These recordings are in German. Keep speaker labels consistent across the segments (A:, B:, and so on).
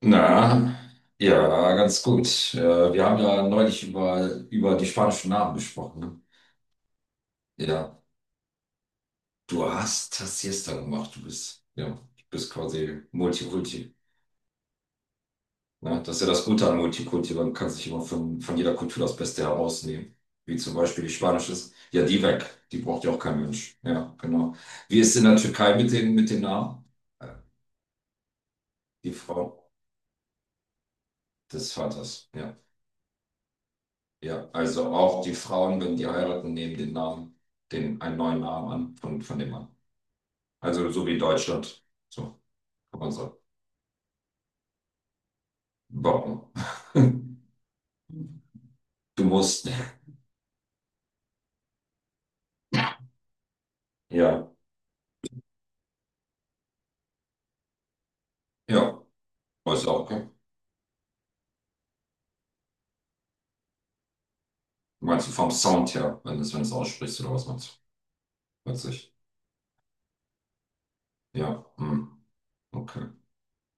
A: Na, ja, ganz gut. Wir haben ja neulich über die spanischen Namen gesprochen. Ne? Ja, du hast das Siesta gemacht. Du bist quasi Multikulti. Ne? Das ist ja das Gute an Multikulti. Man kann sich immer von jeder Kultur das Beste herausnehmen. Wie zum Beispiel die spanische ist. Ja, die weg. Die braucht ja auch kein Mensch. Ja, genau. Wie ist es in der Türkei mit den Namen? Äh, Die Frau des Vaters. Ja. Ja, also auch die Frauen, wenn die heiraten, nehmen den Namen, einen neuen Namen an von dem Mann. Also so wie Deutschland. So, kann man sagen. Warum? Du musst. Ja, ja. Ist auch okay. Meinst du vom Sound her, wenn du es aussprichst oder was meinst du? Witzig. Ja, hm, okay.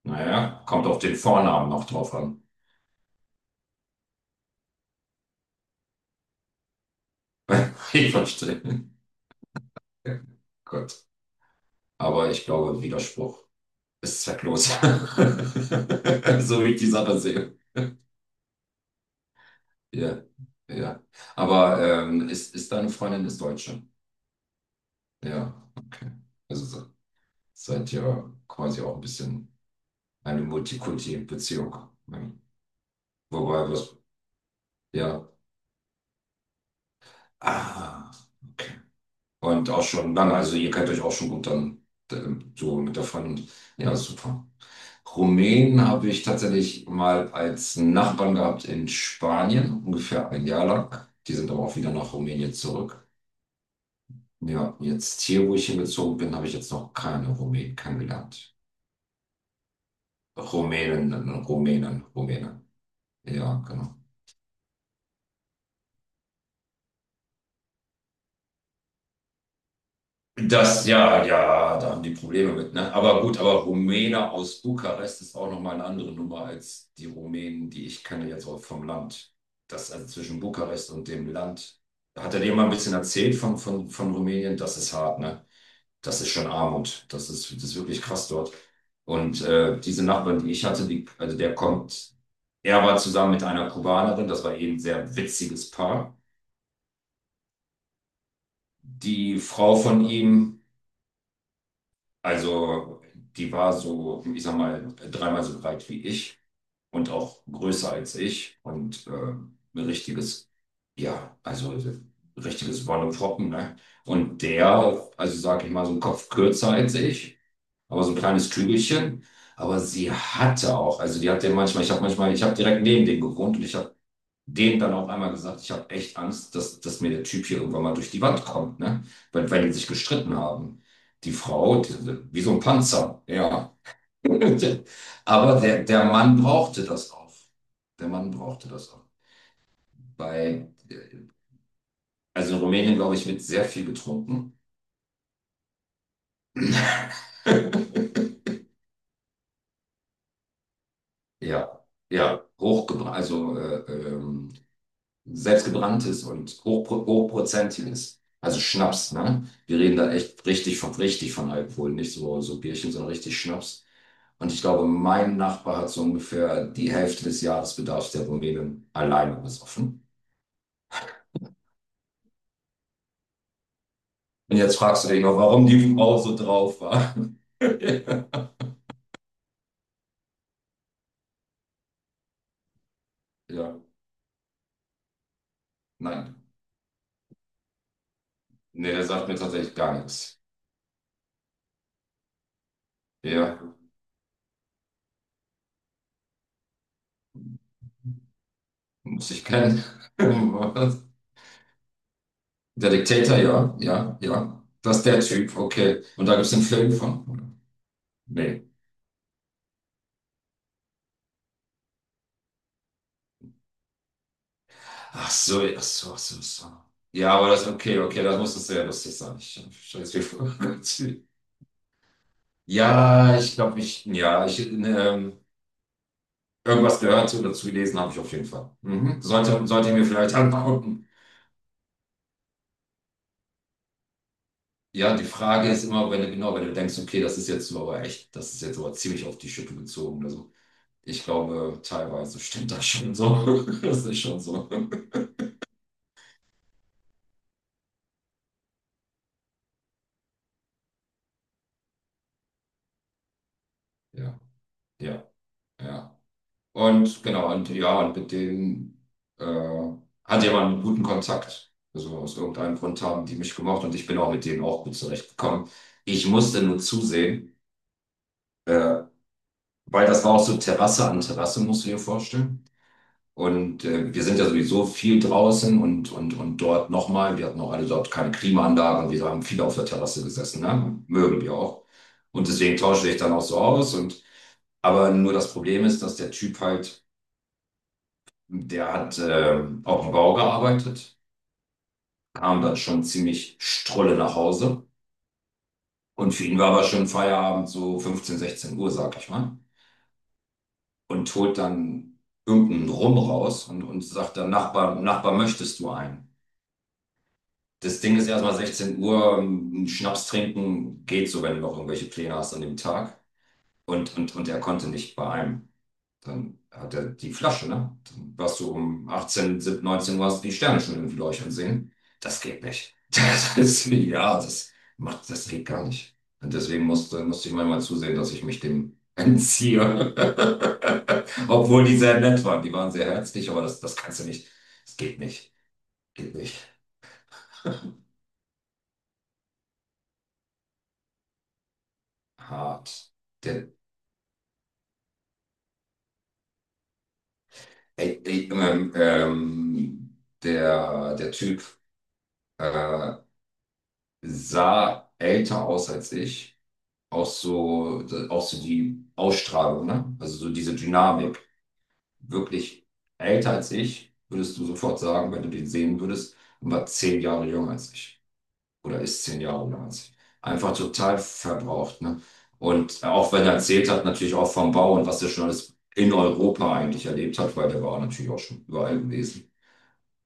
A: Naja, kommt auf den Vornamen noch drauf an. Ich verstehe. Gut. Aber ich glaube, Widerspruch ist zwecklos. So wie ich die Sache sehe. Ja, ja. Aber ist, ist deine Freundin ist Deutsche? Ja, okay. Also seid ihr quasi auch ein bisschen eine Multikulti-Beziehung. Ne? Wobei was, ja. Ah, okay. Und auch schon lange, also ihr kennt euch auch schon gut dann, so mit der Freundin. Ja, super. Rumänen habe ich tatsächlich mal als Nachbarn gehabt in Spanien, ungefähr ein Jahr lang. Die sind aber auch wieder nach Rumänien zurück. Ja, jetzt hier, wo ich hingezogen bin, habe ich jetzt noch keine Rumänen kennengelernt. Rumänen, Rumänen, Rumänen. Ja, genau. Ja, ja, da haben die Probleme mit, ne? Aber gut, aber Rumäne aus Bukarest ist auch nochmal eine andere Nummer als die Rumänen, die ich kenne jetzt auch vom Land. Das, also zwischen Bukarest und dem Land. Hat er dir mal ein bisschen erzählt von Rumänien? Das ist hart, ne? Das ist schon Armut. Das ist wirklich krass dort. Und diese Nachbarin, die ich hatte, also der kommt, er war zusammen mit einer Kubanerin, das war eben ein sehr witziges Paar. Die Frau von ihm, also die war so, ich sag mal, dreimal so breit wie ich und auch größer als ich und ein richtiges, ja, also ein richtiges Wonneproppen, ne? Und der, also sag ich mal, so einen Kopf kürzer als ich, aber so ein kleines Kügelchen. Aber sie hatte auch, also die hat den manchmal, ich habe direkt neben den gewohnt und ich habe dem dann auch einmal gesagt, ich habe echt Angst, dass mir der Typ hier irgendwann mal durch die Wand kommt, ne? Weil die sich gestritten haben. Die Frau, die, wie so ein Panzer, ja. Aber der Mann brauchte das auch. Der Mann brauchte das auch. Bei, also in Rumänien, glaube ich, wird sehr viel getrunken. Ja, ja, hochgebracht, also selbstgebranntes und hochprozentiges. Also Schnaps, ne? Wir reden da echt richtig von Alkohol, nicht so Bierchen, sondern richtig Schnaps. Und ich glaube, mein Nachbar hat so ungefähr die Hälfte des Jahresbedarfs der Rumänen alleine besoffen. Und jetzt fragst du dich noch, warum die Frau so drauf war. Ja, nein. Nee, der sagt mir tatsächlich gar nichts. Ja, muss ich kennen. Was? Der Diktator, ja, ja, ja. Das ist der Typ, okay. Und da gibt es einen Film von. Nee. Ach so, ach so, ach so, ach so. Ja, aber das, okay, okay, das muss es sehr lustig sein. Ich stelle mir vor. Gott. Ja, ich glaube, irgendwas gehört oder dazu gelesen habe ich auf jeden Fall. Mhm. Sollte ich mir vielleicht angucken. Ja, die Frage ist immer, wenn du, genau, wenn du denkst, okay, das ist jetzt so aber echt, das ist jetzt aber ziemlich auf die Schippe gezogen oder so. Ich glaube, teilweise stimmt das schon so. Das ist schon so. Ja, ja, ja. Und genau, und ja, und mit denen äh, hatte ich aber einen guten Kontakt. Also aus irgendeinem Grund haben die mich gemocht und ich bin auch mit denen auch gut zurechtgekommen. Ich musste nur zusehen, äh, weil das war auch so Terrasse an Terrasse, musst du dir vorstellen. Und wir sind ja sowieso viel draußen und, dort nochmal, wir hatten auch alle dort keine Klimaanlage, wir haben viele auf der Terrasse gesessen, ne? Mögen wir auch. Und deswegen tausche ich dann auch so aus, und aber nur das Problem ist, dass der Typ halt, der hat, auf dem Bau gearbeitet, kam dann schon ziemlich strolle nach Hause. Und für ihn war aber schon Feierabend, so 15, 16 Uhr, sag ich mal. Und holt dann irgendeinen Rum raus und sagt dann, Nachbar, Nachbar, möchtest du einen? Das Ding ist, erstmal 16 Uhr, Schnaps trinken geht so, wenn du noch irgendwelche Pläne hast an dem Tag. Und, er konnte nicht bei einem. Dann hat er die Flasche, ne? Dann warst du um 18, 17, 19 Uhr, hast du die Sterne schon irgendwie leuchten sehen. Das geht nicht. Das ist, ja, das macht, das geht gar nicht. Und deswegen musste ich manchmal zusehen, dass ich mich dem entziehe. Obwohl die sehr nett waren. Die waren sehr herzlich, aber das kannst du nicht. Das geht nicht. Geht nicht. Hart. Der, Ey, ey, der Typ äh, sah älter aus als ich, auch so, auch so die Ausstrahlung, ne? Also so diese Dynamik. Wirklich älter als ich, würdest du sofort sagen, wenn du den sehen würdest, und war 10 Jahre jünger als ich. Oder ist 10 Jahre jünger als ich. Einfach total verbraucht, ne? Und auch wenn er erzählt hat, natürlich auch vom Bau und was er schon alles in Europa eigentlich erlebt hat, weil der war natürlich auch schon überall gewesen.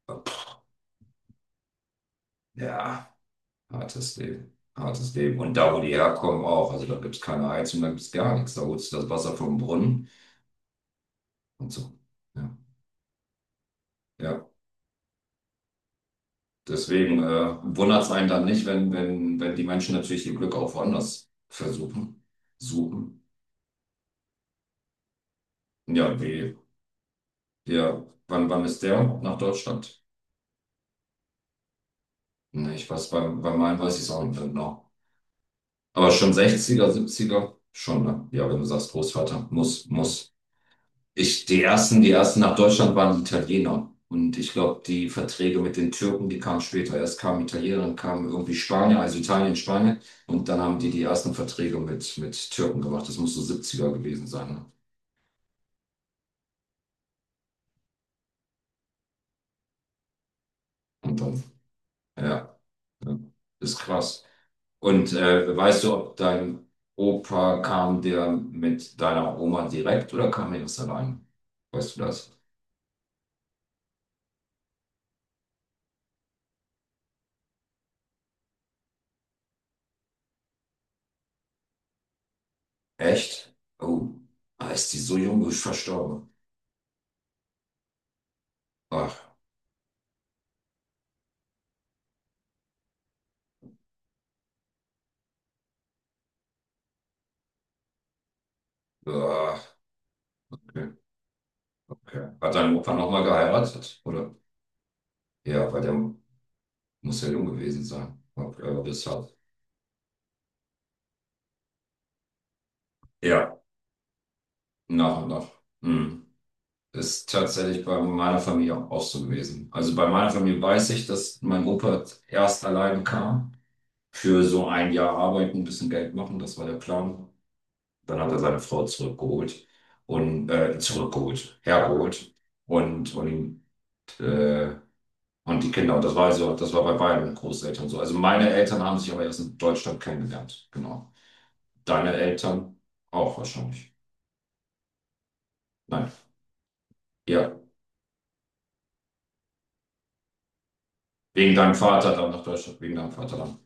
A: Aber, ja, hartes Leben. Hartes Leben. Und da, wo die herkommen, auch. Also da gibt es keine Heizung, da gibt es gar nichts. Da holst du das Wasser vom Brunnen. Und so. Ja, ja. Deswegen wundert es einen dann nicht, wenn, die Menschen natürlich ihr Glück auch woanders versuchen, suchen. Ja, wie, ja, wann ist der nach Deutschland? Nee, ich weiß, bei meinem weiß ich es auch nicht mehr genau. Aber schon 60er 70er schon, ne? Ja, wenn du sagst, Großvater, muss. Die ersten, nach Deutschland waren die Italiener. Und ich glaube, die Verträge mit den Türken, die kamen später. Erst kamen Italiener, dann kamen irgendwie Spanier, also Italien, Spanien. Und dann haben die die ersten Verträge mit Türken gemacht. Das muss so 70er gewesen sein. Ne? Und dann, ja, ja, ist krass. Und weißt du, ob dein Opa kam, der mit deiner Oma direkt oder kam er erst allein? Weißt du das? Echt? Oh, ah, ist die so jung, ist verstorben. Ach, ah, okay. Okay. Hat dein Opa nochmal geheiratet, oder? Ja, weil der muss ja jung gewesen sein. Ob er das hat. Ja, nach und nach. Hm. Ist tatsächlich bei meiner Familie auch so gewesen. Also bei meiner Familie weiß ich, dass mein Opa erst alleine kam, für so ein Jahr arbeiten, ein bisschen Geld machen, das war der Plan. Dann hat er seine Frau zurückgeholt und zurückgeholt, hergeholt und äh, und die Kinder, und das war also, das war bei beiden Großeltern so. Also meine Eltern haben sich aber erst in Deutschland kennengelernt, genau. Deine Eltern auch wahrscheinlich. Nein. Ja. Wegen deinem Vater dann nach Deutschland, wegen deinem Vater dann.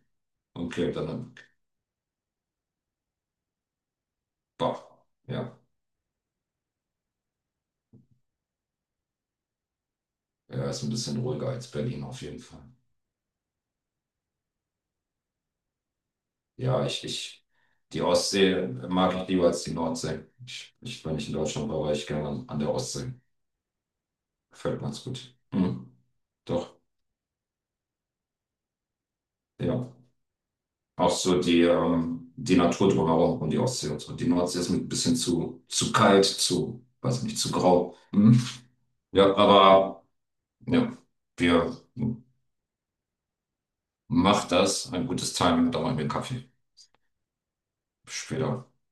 A: Okay, dann, boah. Ja. Er ist ein bisschen ruhiger als Berlin auf jeden Fall. Ja, die Ostsee mag ich lieber als die Nordsee. Wenn ich in Deutschland war, war ich gerne an der Ostsee. Gefällt mir ganz gut. Hm, doch, ja. Auch so die Natur drumherum und die Ostsee und so. Die Nordsee ist mir ein bisschen zu kalt, zu, weiß nicht, zu grau. Hm. Ja, aber ja, wir macht das. Ein gutes Timing, da machen wir Kaffee später.